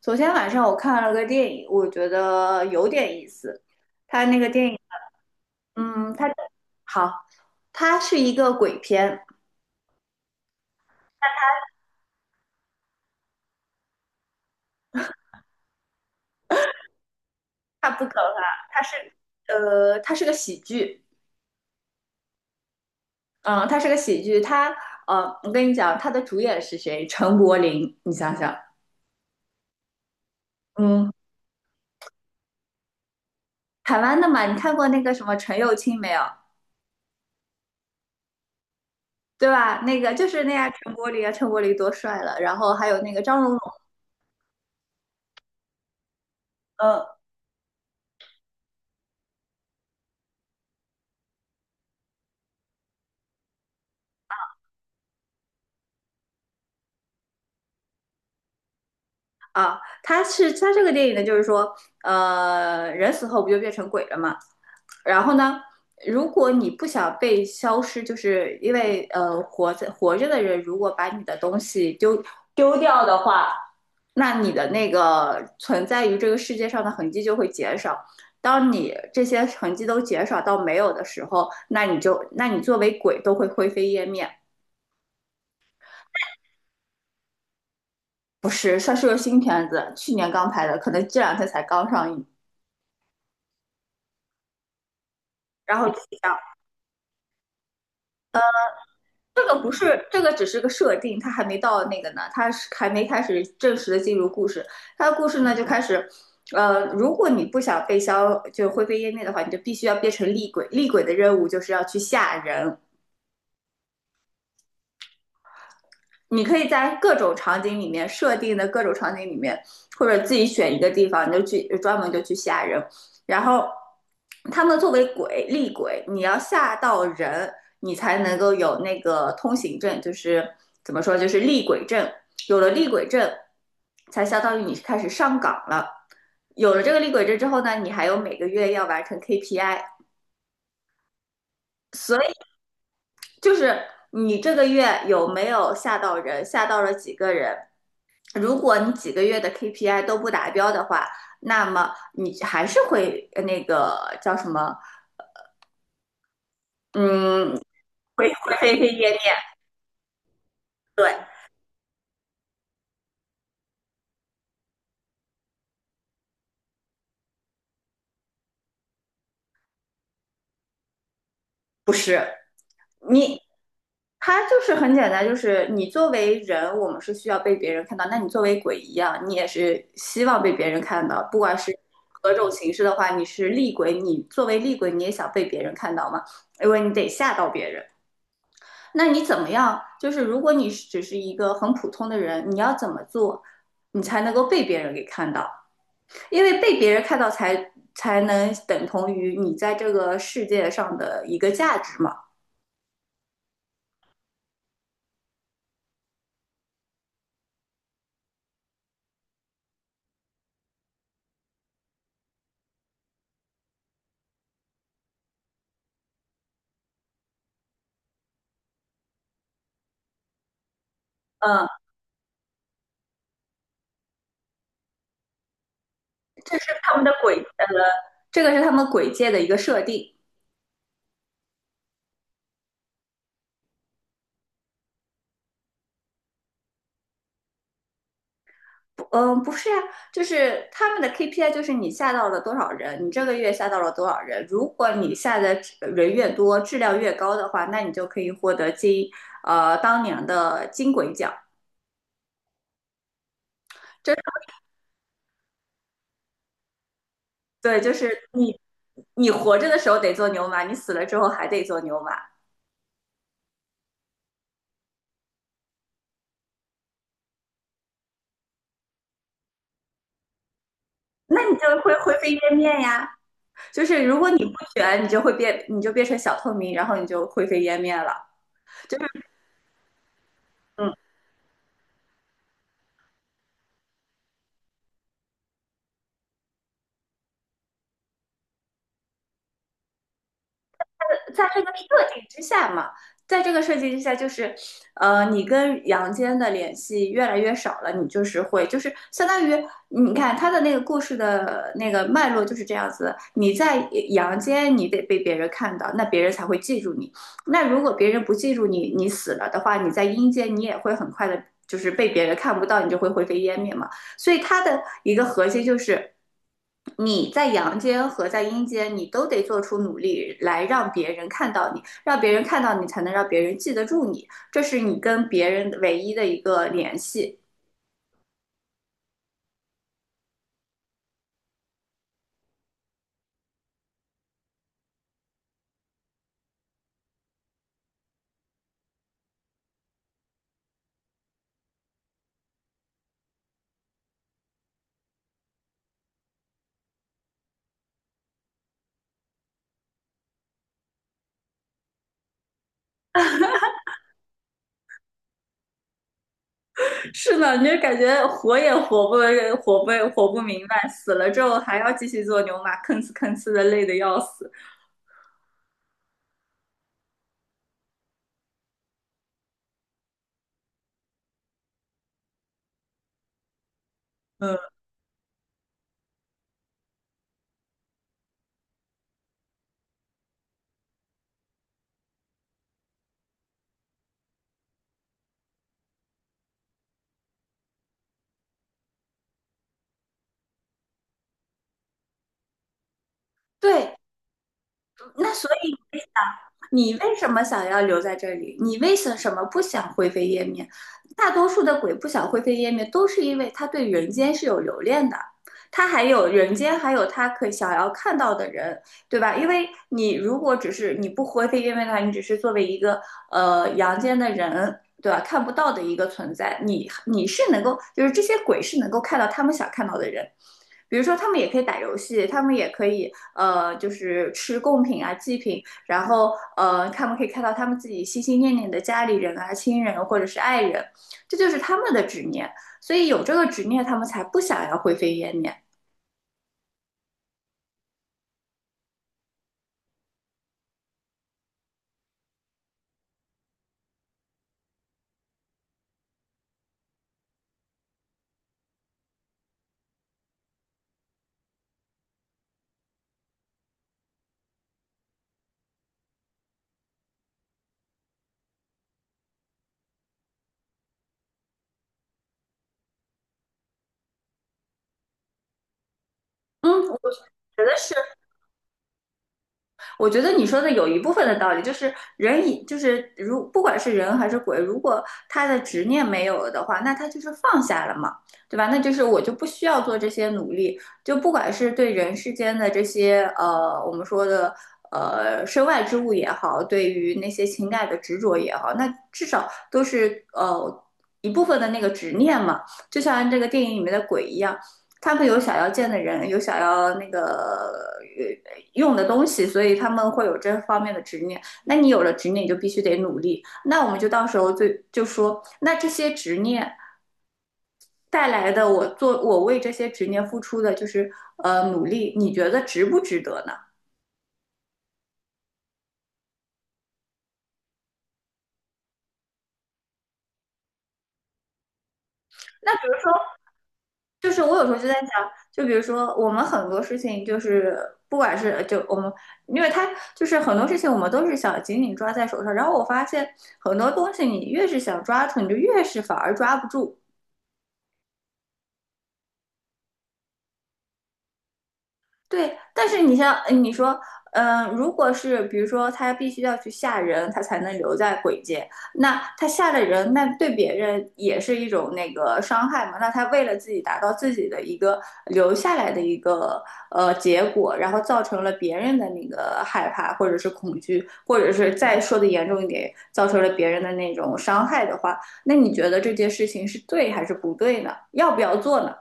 昨天晚上我看了个电影，我觉得有点意思。他那个电影，嗯，他好，他是一个鬼片，他不可怕，他是个喜剧，嗯，他是个喜剧。我跟你讲，他的主演是谁？陈柏霖，你想想，嗯，台湾的嘛，你看过那个什么陈又青没有？对吧？那个就是那样，陈柏霖啊，陈柏霖多帅了。然后还有那个张荣荣，嗯啊，他这个电影呢，就是说，人死后不就变成鬼了吗？然后呢，如果你不想被消失，就是因为活着的人如果把你的东西丢掉的话，那你的那个存在于这个世界上的痕迹就会减少。当你这些痕迹都减少到没有的时候，那你就那你作为鬼都会灰飞烟灭。不是，算是个新片子，去年刚拍的，可能这两天才刚上映。然后就这样这个不是，这个只是个设定，它还没到那个呢，它是还没开始正式的进入故事。它的故事呢就开始，如果你不想被消，就灰飞烟灭的话，你就必须要变成厉鬼。厉鬼的任务就是要去吓人，你可以在各种场景里面设定的各种场景里面，或者自己选一个地方，你就去专门就去吓人。然后他们作为鬼厉鬼，你要吓到人，你才能够有那个通行证，就是怎么说，就是厉鬼证。有了厉鬼证，才相当于你开始上岗了。有了这个厉鬼证之后呢，你还有每个月要完成 KPI，所以就是你这个月有没有吓到人，吓到了几个人。如果你几个月的 KPI 都不达标的话，那么你还是会呃那个叫什么，嗯，会灰飞烟灭。对，不是你，它就是很简单，就是你作为人，我们是需要被别人看到。那你作为鬼一样，你也是希望被别人看到，不管是何种形式的话，你是厉鬼，你作为厉鬼，你也想被别人看到吗？因为你得吓到别人。那你怎么样？就是如果你只是一个很普通的人，你要怎么做，你才能够被别人给看到？因为被别人看到才能等同于你在这个世界上的一个价值嘛。嗯，这是他们的轨，呃，这个是他们轨界的一个设定。嗯，不是啊，就是他们的 KPI 就是你下到了多少人，你这个月下到了多少人。如果你下的人越多，质量越高的话，那你就可以获得当年的金轨奖。这对，就是你活着的时候得做牛马，你死了之后还得做牛马，那你就会灰飞烟灭呀。就是如果你不卷，你就会变，你就变成小透明，然后你就灰飞烟灭了。嗯在这个设定之下嘛，在这个设计之下，就是你跟阳间的联系越来越少了，你就是会就是相当于你看他的那个故事的那个脉络就是这样子，你在阳间你得被别人看到，那别人才会记住你。那如果别人不记住你，你死了的话，你在阴间你也会很快的，就是被别人看不到，你就会灰飞烟灭嘛。所以他的一个核心就是。你在阳间和在阴间，你都得做出努力来让别人看到你，让别人看到你，才能让别人记得住你，这是你跟别人唯一的一个联系。是呢，你就感觉活也活不明白，死了之后还要继续做牛马，吭哧吭哧的累得要死。对，那所以。你为什么想要留在这里？你为什么不想灰飞烟灭？大多数的鬼不想灰飞烟灭，都是因为他对人间是有留恋的，他还有人间，还有他可以想要看到的人，对吧？因为你如果只是你不灰飞烟灭的话，你只是作为一个阳间的人，对吧？看不到的一个存在，你是能够，就是这些鬼是能够看到他们想看到的人。比如说，他们也可以打游戏，他们也可以就是吃贡品啊、祭品，然后他们可以看到他们自己心心念念的家里人啊、亲人啊或者是爱人，这就是他们的执念，所以有这个执念，他们才不想要灰飞烟灭。嗯，得是我觉得你说的有一部分的道理，就是人以就是如不管是人还是鬼，如果他的执念没有了的话，那他就是放下了嘛，对吧？那就是我就不需要做这些努力，就不管是对人世间的这些我们说的身外之物也好，对于那些情感的执着也好，那至少都是一部分的那个执念嘛，就像这个电影里面的鬼一样，他们有想要见的人，有想要那个用的东西，所以他们会有这方面的执念。那你有了执念，你就必须得努力。那我们就到时候就说，那这些执念带来的，我为这些执念付出的就是努力，你觉得值不值得呢？就是我有时候就在想，就比如说我们很多事情，就是不管是就我们，因为他就是很多事情我们都是想紧紧抓在手上，然后我发现很多东西你越是想抓住，你就越是反而抓不住。对，但是你像你说，如果是比如说他必须要去吓人，他才能留在鬼界，那他吓了人，那对别人也是一种那个伤害嘛？那他为了自己达到自己的一个留下来的一个结果，然后造成了别人的那个害怕或者是恐惧，或者是再说的严重一点，造成了别人的那种伤害的话，那你觉得这件事情是对还是不对呢？要不要做呢？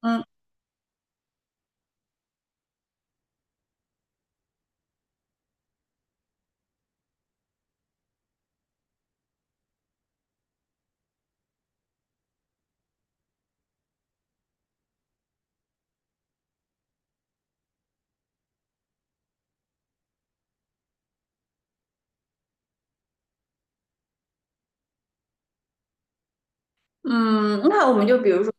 嗯嗯，那我们就比如说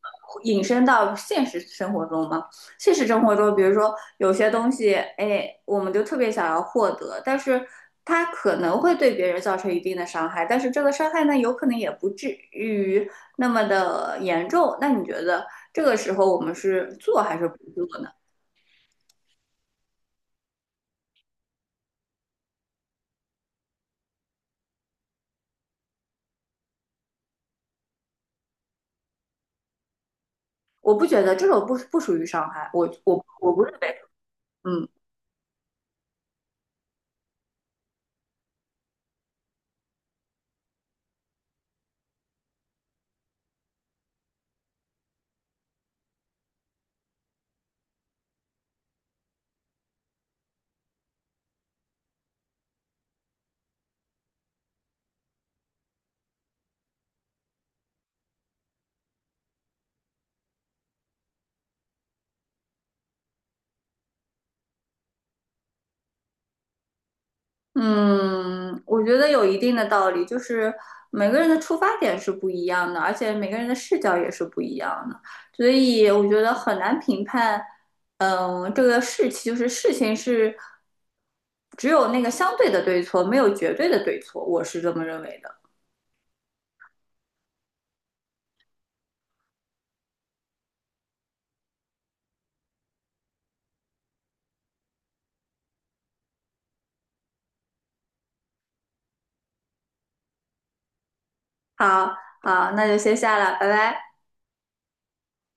引申到现实生活中嘛，现实生活中，比如说有些东西，哎，我们就特别想要获得，但是它可能会对别人造成一定的伤害，但是这个伤害呢，有可能也不至于那么的严重。那你觉得这个时候我们是做还是不做呢？我不觉得这种不属于伤害，我不认为，嗯。嗯，我觉得有一定的道理，就是每个人的出发点是不一样的，而且每个人的视角也是不一样的，所以我觉得很难评判。嗯，这个事情就是事情是只有那个相对的对错，没有绝对的对错，我是这么认为的。好，好，那就先下了，拜拜。